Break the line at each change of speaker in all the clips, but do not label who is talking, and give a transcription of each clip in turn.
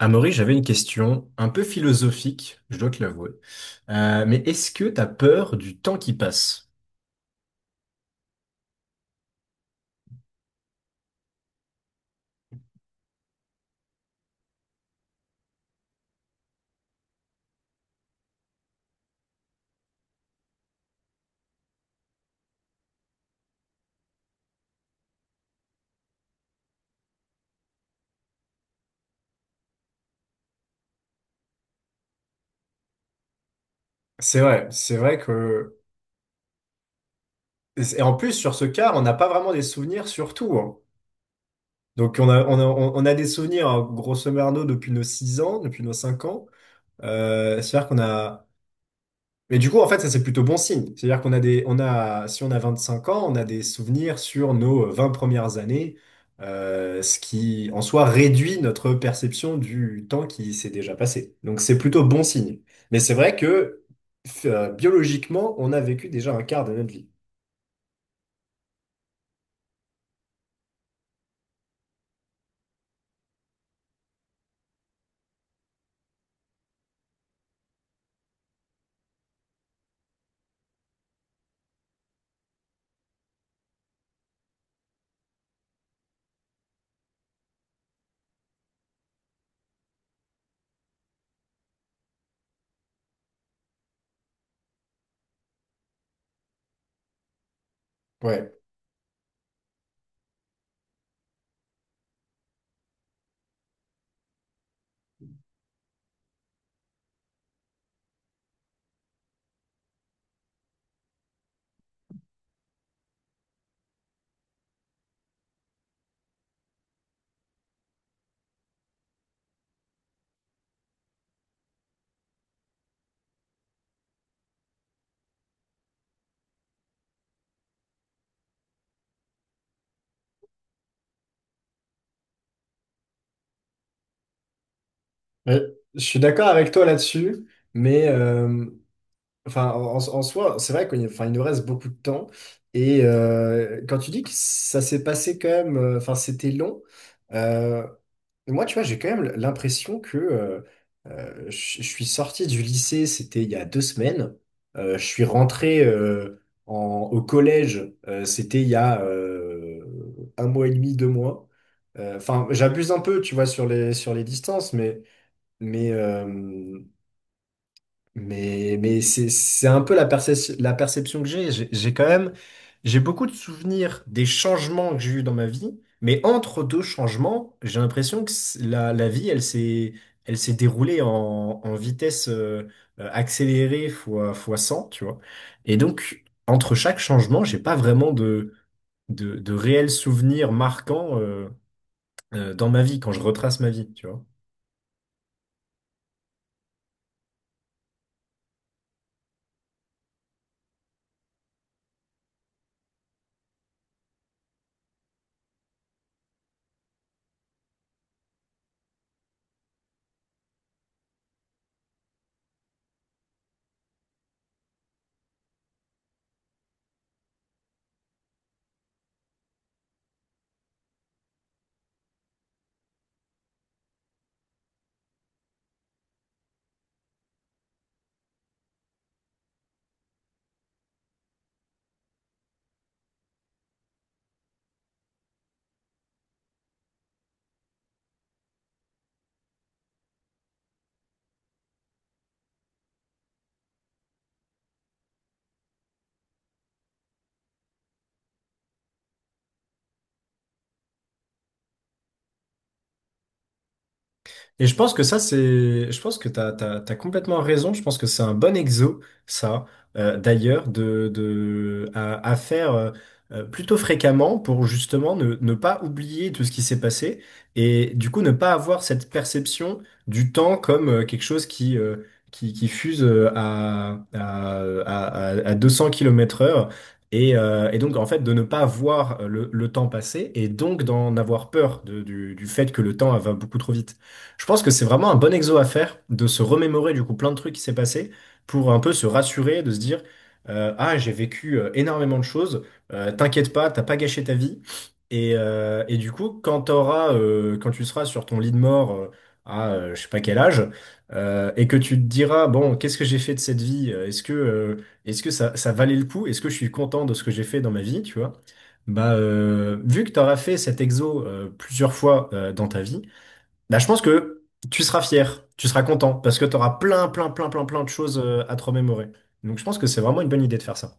Amaury, j'avais une question un peu philosophique, je dois te l'avouer. Mais est-ce que t'as peur du temps qui passe? C'est vrai que... Et en plus, sur ce cas, on n'a pas vraiment des souvenirs sur tout, hein. Donc, on a des souvenirs, hein, grosso merdo, depuis nos 6 ans, depuis nos 5 ans. C'est-à-dire qu'on a... Mais du coup, en fait, ça, c'est plutôt bon signe. C'est-à-dire qu'on a des, on a, si on a 25 ans, on a des souvenirs sur nos 20 premières années, ce qui, en soi, réduit notre perception du temps qui s'est déjà passé. Donc, c'est plutôt bon signe. Mais c'est vrai que, biologiquement, on a vécu déjà un quart de notre vie. Ouais. Ouais, je suis d'accord avec toi là-dessus, mais enfin, en, en soi, c'est vrai qu'il enfin, il nous reste beaucoup de temps. Et quand tu dis que ça s'est passé quand même, enfin, c'était long. euh, Moi, tu vois, j'ai quand même l'impression que je suis sorti du lycée, c'était il y a 2 semaines. Je suis rentré au collège, c'était il y a un mois et demi, 2 mois. Enfin, j'abuse un peu, tu vois, sur les distances, mais, euh, mais c'est un peu la la perception que j'ai. J'ai quand même, j'ai beaucoup de souvenirs des changements que j'ai eus dans ma vie, mais entre deux changements, j'ai l'impression que la, la vie, elle s'est déroulée en, en vitesse accélérée fois, fois 100, tu vois. Et donc, entre chaque changement, j'ai pas vraiment de réels souvenirs marquants dans ma vie, quand je retrace ma vie, tu vois. Et je pense que ça, c'est... Je pense que t'as complètement raison. Je pense que c'est un bon exo, ça, d'ailleurs, de, à faire plutôt fréquemment pour justement ne, ne pas oublier tout ce qui s'est passé et du coup ne pas avoir cette perception du temps comme quelque chose qui fuse à 200 km/h heure. Et donc, en fait, de ne pas voir le temps passer et donc d'en avoir peur du fait que le temps va beaucoup trop vite. Je pense que c'est vraiment un bon exo à faire de se remémorer du coup plein de trucs qui s'est passé pour un peu se rassurer, de se dire ah, j'ai vécu énormément de choses, t'inquiète pas, t'as pas gâché ta vie. Et du coup quand quand tu seras sur ton lit de mort à je sais pas quel âge, et que tu te diras bon, qu'est-ce que j'ai fait de cette vie? Est-ce que ça valait le coup? Est-ce que je suis content de ce que j'ai fait dans ma vie? Tu vois? Bah vu que t'auras fait cet exo plusieurs fois dans ta vie, bah, je pense que tu seras fier, tu seras content, parce que tu auras plein, plein, plein, plein, plein de choses à te remémorer. Donc je pense que c'est vraiment une bonne idée de faire ça.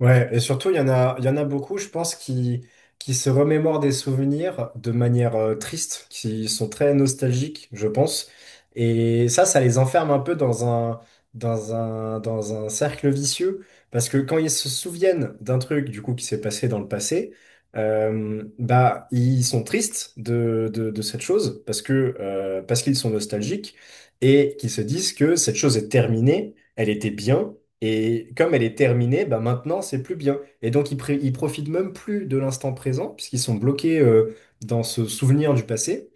Ouais, et surtout, il y en a beaucoup, je pense, qui se remémorent des souvenirs de manière triste, qui sont très nostalgiques, je pense. Et ça les enferme un peu dans un cercle vicieux, parce que quand ils se souviennent d'un truc, du coup, qui s'est passé dans le passé, bah, ils sont tristes de cette chose, parce que, parce qu'ils sont nostalgiques, et qu'ils se disent que cette chose est terminée, elle était bien. Et comme elle est terminée, bah maintenant, c'est plus bien. Et donc, ils, ils profitent même plus de l'instant présent, puisqu'ils sont bloqués dans ce souvenir du passé.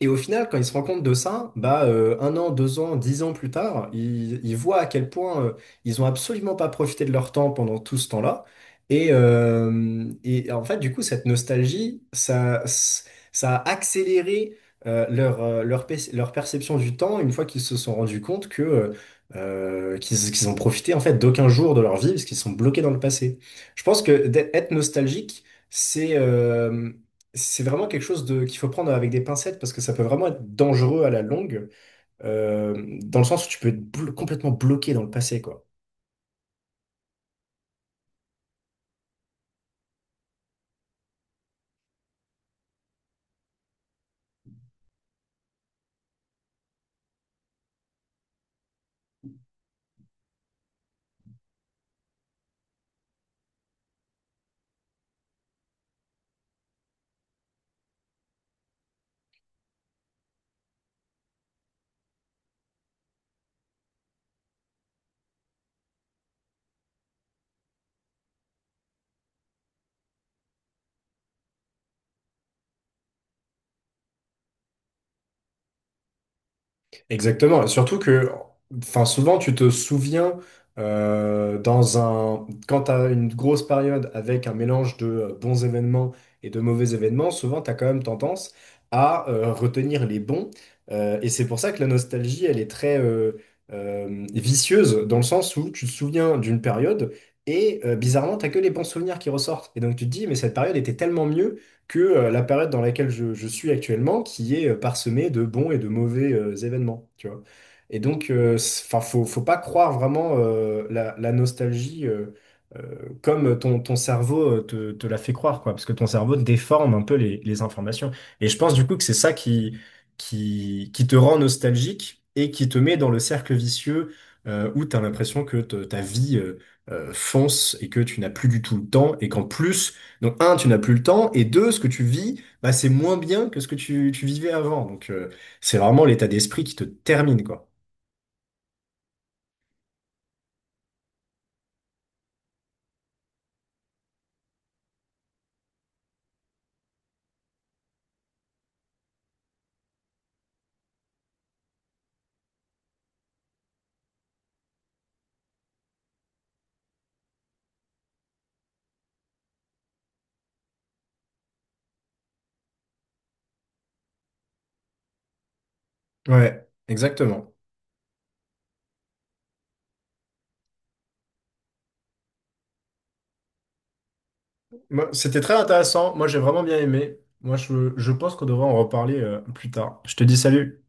Et au final, quand ils se rendent compte de ça, bah, 1 an, 2 ans, 10 ans plus tard, ils voient à quel point ils ont absolument pas profité de leur temps pendant tout ce temps-là. Et en fait, du coup, cette nostalgie, ça a accéléré leur perception du temps une fois qu'ils se sont rendus compte que, qu'ils, qu'ils ont profité en fait d'aucun jour de leur vie parce qu'ils sont bloqués dans le passé. Je pense que d'être être nostalgique, c'est euh, c'est vraiment quelque chose de, qu'il faut prendre avec des pincettes parce que ça peut vraiment être dangereux à la longue, dans le sens où tu peux être complètement bloqué dans le passé, quoi. Exactement, et surtout que, enfin, souvent tu te souviens dans un, quand tu as une grosse période avec un mélange de bons événements et de mauvais événements, souvent tu as quand même tendance à retenir les bons. Et c'est pour ça que la nostalgie, elle est très vicieuse, dans le sens où tu te souviens d'une période et bizarrement, tu que les bons souvenirs qui ressortent. Et donc tu te dis, mais cette période était tellement mieux que la période dans laquelle je suis actuellement, qui est parsemée de bons et de mauvais événements, tu vois. Et donc, enfin, faut, faut pas croire vraiment la, la nostalgie euh, comme ton, ton cerveau te, te la fait croire, quoi, parce que ton cerveau déforme un peu les informations. Et je pense du coup que c'est ça qui te rend nostalgique et qui te met dans le cercle vicieux où tu as l'impression que ta vie fonce et que tu n'as plus du tout le temps et qu'en plus, donc, un, tu n'as plus le temps, et deux, ce que tu vis, bah, c'est moins bien que ce que tu vivais avant. Donc, c'est vraiment l'état d'esprit qui te termine, quoi. Ouais, exactement. Moi, c'était très intéressant. Moi, j'ai vraiment bien aimé. Moi, je pense qu'on devrait en reparler, plus tard. Je te dis salut.